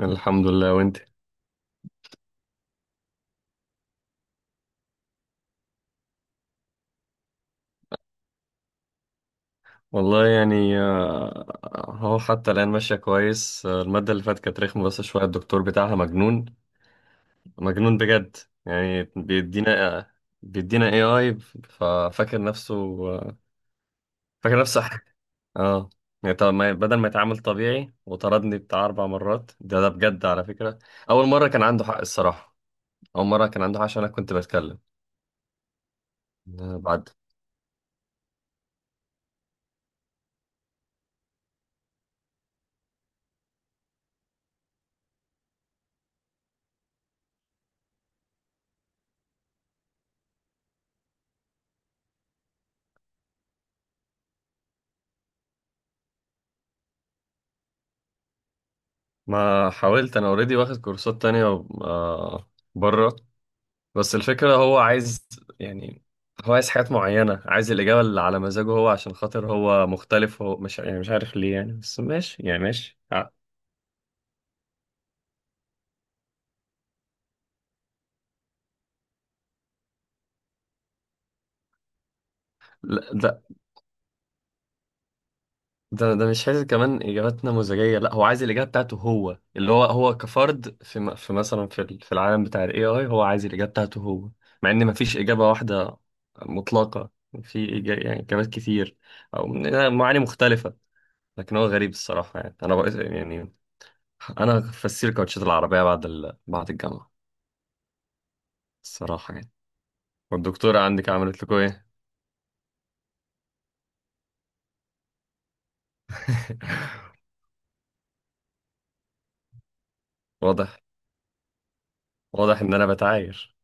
الحمد لله. وانت؟ والله يعني هو حتى الآن ماشية كويس. المادة اللي فاتت كانت رخمة بس شوية، الدكتور بتاعها مجنون، مجنون بجد. يعني بيدينا، بيدينا اي اي، ففاكر نفسه آه، فاكر نفسه حاجة. اه يعني طب ما بدل ما يتعامل طبيعي، وطردني بتاع أربع مرات، ده بجد على فكرة. أول مرة كان عنده حق الصراحة، أول مرة كان عنده حق عشان أنا كنت بتكلم. بعد ما حاولت أنا أوريدي واخد كورسات تانية، آه، بره. بس الفكرة، هو عايز يعني، هو عايز حاجات معينة، عايز الإجابة اللي على مزاجه هو، عشان خاطر هو مختلف. هو مش يعني، مش عارف ليه يعني، بس ماشي يعني ماشي لا. ده مش عايز كمان إجابات نموذجية، لا هو عايز الإجابة بتاعته هو، اللي هو كفرد في مثلا في العالم بتاع ال AI، هو عايز الإجابة بتاعته هو، مع إن مفيش إجابة واحدة مطلقة. يعني إجابات كتير أو معاني مختلفة. لكن هو غريب الصراحة يعني. أنا بقى يعني، انا فسير كاوتشات العربيه بعد بعد الجامعه الصراحه يعني. والدكتوره عندك عملت لكم ايه؟ واضح، واضح ان انا بتعاير.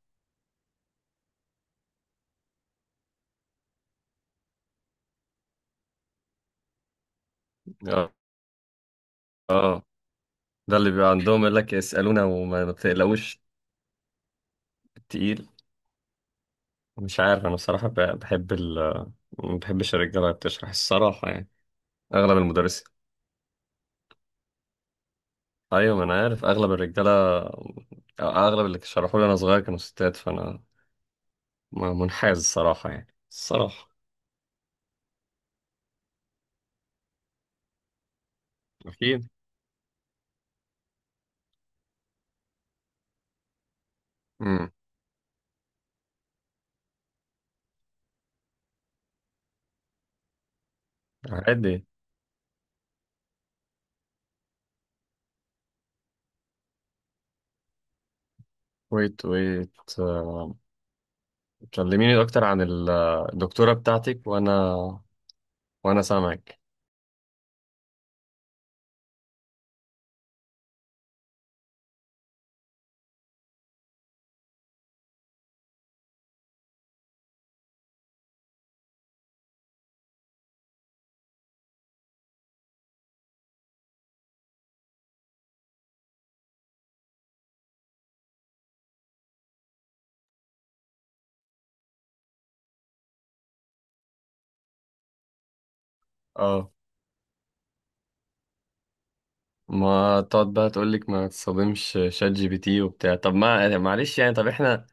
اه، اه، ده اللي بيبقى عندهم يقول لك اسالونا وما ما بتقلقوش التقيل. مش عارف انا بصراحه، بحب ال، ما بحبش الرجاله اللي بتشرح الصراحه يعني، اغلب المدرسين. ايوه ما انا عارف اغلب الرجاله أو اغلب اللي شرحوا لي انا صغير كانوا ستات، فانا منحاز الصراحه يعني الصراحه. اكيد. امم. عادي. ويت ويت، آه، كلميني اكتر عن الدكتورة بتاعتك، وانا، وانا سامعك. اه ما تقعد بقى تقول لك ما تصدمش شات جي بي تي وبتاع، طب ما معلش يعني، طب احنا،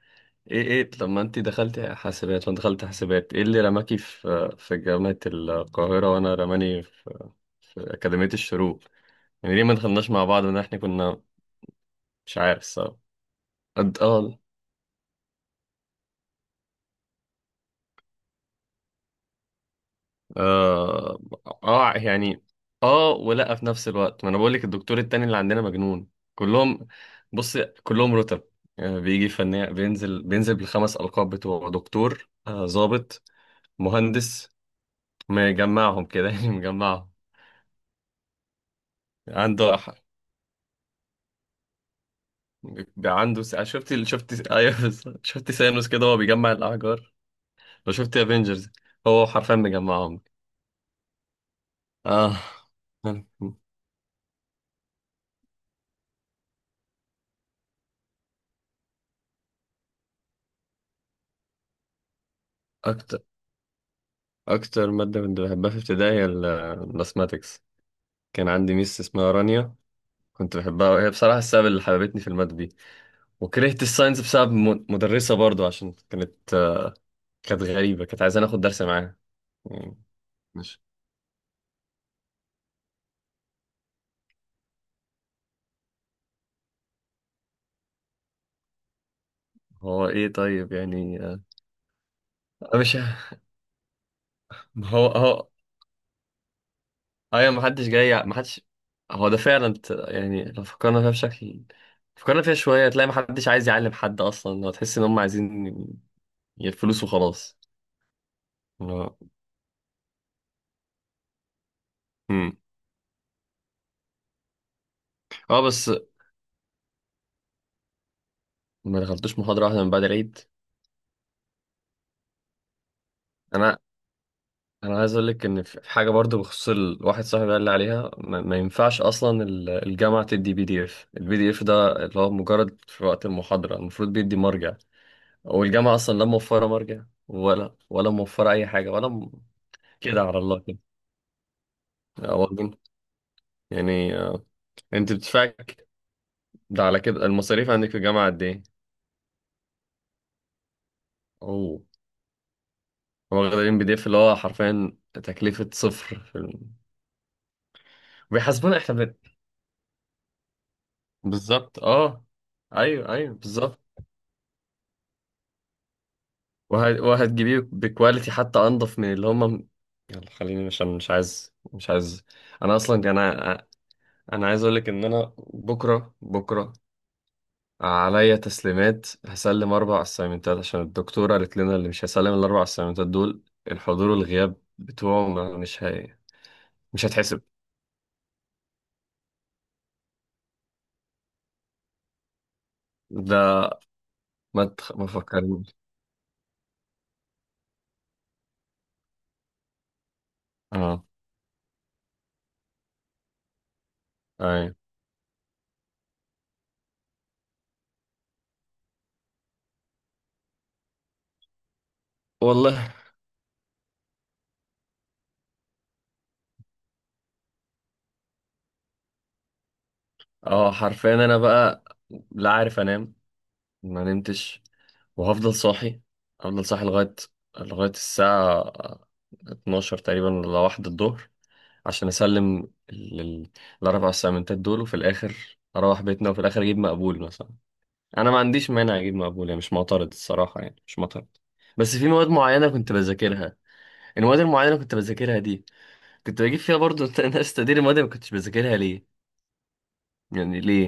ايه ايه؟ طب ما انت دخلتي حاسبات وانا دخلت حاسبات، ايه اللي رماكي في جامعة القاهرة وانا رماني في, في أكاديمية الشروق؟ يعني ليه ما دخلناش مع بعض، ان احنا كنا مش عارف سوا. اه، اه، يعني اه. ولا في نفس الوقت ما انا بقول لك الدكتور التاني اللي عندنا مجنون، كلهم. بص، كلهم رتب، يعني بيجي فنان بينزل بالخمس القاب بتوعه: دكتور، ضابط، مهندس، مجمعهم كده يعني مجمعهم. عنده أح...، عنده س...، شفت شفت؟ ايوه بالظبط. شفت سانوس كده وهو بيجمع الاحجار؟ لو شفت افنجرز، هو حرفيا مجمعهم. اه. اكتر، اكتر ماده كنت بحبها في ابتدائي هي الماثماتكس. كان عندي ميس اسمها رانيا، كنت بحبها، وهي بصراحة السبب اللي حببتني في المادة دي. وكرهت الساينس بسبب مدرسة برضو، عشان كانت، كانت غريبة، كانت عايزة ناخد درس معاها يعني. مش، هو ايه طيب يعني، مش، ما هو هو، ايوه ما حدش جاي، ما حدش، هو ده فعلا يعني لو فكرنا فيها بشكل، فكرنا فيها شوية تلاقي ما حدش عايز يعلم حد اصلا، وتحس ان هم عايزين الفلوس وخلاص. اللي هو، مم. اه بس. ما دخلتوش محاضرة واحدة من بعد العيد؟ انا انا عايز اقول لك ان في حاجه برضو بخصوص الواحد، صاحبي قال لي عليها، ما ينفعش اصلا الجامعه تدي بي دي اف، البي دي اف ده اللي هو مجرد في وقت المحاضره، المفروض بيدي مرجع. والجامعه اصلا لا موفره مرجع ولا موفره اي حاجه ولا م...، كده على الله كده. واخدين يعني، انت بتدفعي، ده على كده المصاريف عندك في الجامعه قد ايه؟ اوه. هو واخدين بي دي اف اللي هو حرفيا تكلفه صفر في الم...، بيحاسبونا احنا بالظبط اه. ايوه ايوه بالظبط، وهتجيبيه بكواليتي حتى انضف من اللي هم. يلا خليني عشان مش عايز، انا اصلا، انا عايز اقول لك ان انا بكره، بكره عليا تسليمات، هسلم اربع اسايمنتات، عشان الدكتوره قالت لنا اللي مش هيسلم الاربع اسايمنتات دول، الحضور والغياب بتوعه مش هي...، مش هتحسب. ده ما ما فكرنيش. اه اي والله. اه حرفيا انا بقى لا عارف انام، ما نمتش. وهفضل صاحي، هفضل صاحي لغاية الساعة 12 تقريبا ولا واحدة الظهر، عشان أسلم ال- ال- الأربع أسايمنتات دول. وفي الآخر أروح بيتنا، وفي الآخر أجيب مقبول مثلا. أنا ما عنديش مانع أجيب مقبول يعني، مش معترض الصراحة يعني، مش معترض. بس في مواد معينة كنت بذاكرها، المواد المعينة اللي كنت بذاكرها دي كنت بجيب فيها برضو ناس تقدير، المواد اللي ما كنتش بذاكرها ليه يعني، ليه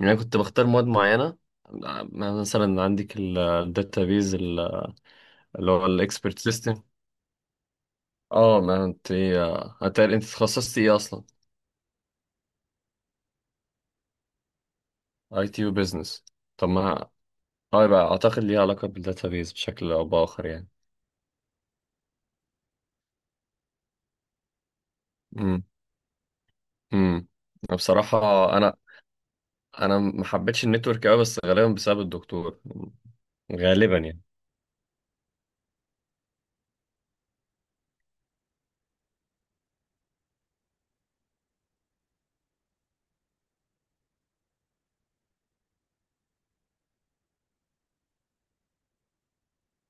يعني؟ أنا كنت بختار مواد معينة، مثلا عندك الداتابيز، اللي هو الاكسبرت سيستم. اه ما انت ايه، هتقل انت اتخصصت ايه اصلا؟ اي تي وبزنس؟ طب ما اه، يبقى اعتقد ليها علاقه بالداتابيز بشكل او باخر يعني. امم. امم. بصراحه، انا انا ما حبيتش النتورك قوي، بس غالبا بسبب الدكتور، غالبا يعني.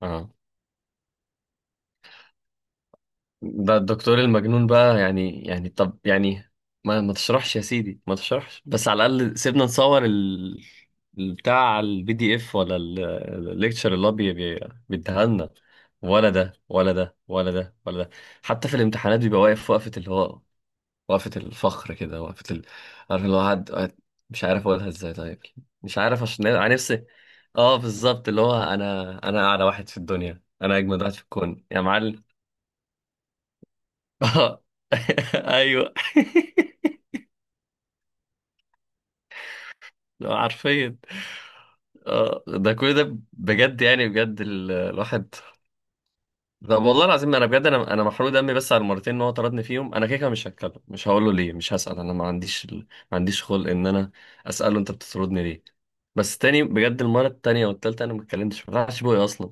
اه ده الدكتور المجنون بقى يعني، يعني طب يعني ما تشرحش يا سيدي، ما تشرحش بس على الأقل سيبنا نصور ال بتاع البي دي اف ولا الليكتشر اللي هو بيديها لنا. ولا ده. حتى في الامتحانات بيبقى واقف وقفة اللي هو، وقفة الفخر كده، وقفة ال...، عارف اللي هو قاعد مش عارف اقولها ازاي طيب، مش عارف عشان انا نفسي، اه بالظبط، اللي هو انا اعلى واحد في الدنيا، انا اجمد واحد في الكون يا معلم. اه ايوه حرفيا. اه ده كل ده بجد يعني، بجد الواحد. طب والله العظيم انا بجد، انا محروق دمي بس على المرتين ان هو طردني فيهم. انا كده كده مش هتكلم، مش هقول له ليه، مش هسأل. انا ما عنديش ال...، ما عنديش خلق ان انا اسأله انت بتطردني ليه، بس تاني بجد. المره التانيه والتالته انا ما اتكلمتش، ما فتحتش بوقي اصلا،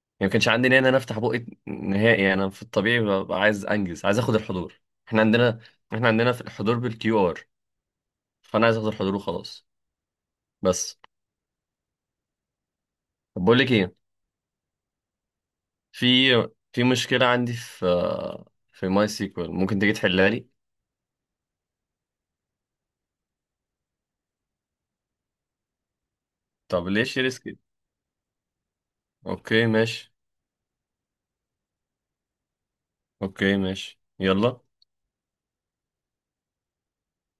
يعني ما كانش عندي نيه ان انا افتح بوقي نهائي. انا في الطبيعي ببقى عايز انجز، عايز اخد الحضور. احنا عندنا احنا عندنا في الحضور بالكيو ار، فانا عايز اخد الحضور وخلاص بس. طب بقول لك ايه، في في مشكله عندي في، في ماي سيكوال، ممكن تيجي تحلها لي؟ طب ليش ريسك. اوكي ماشي، اوكي ماشي يلا.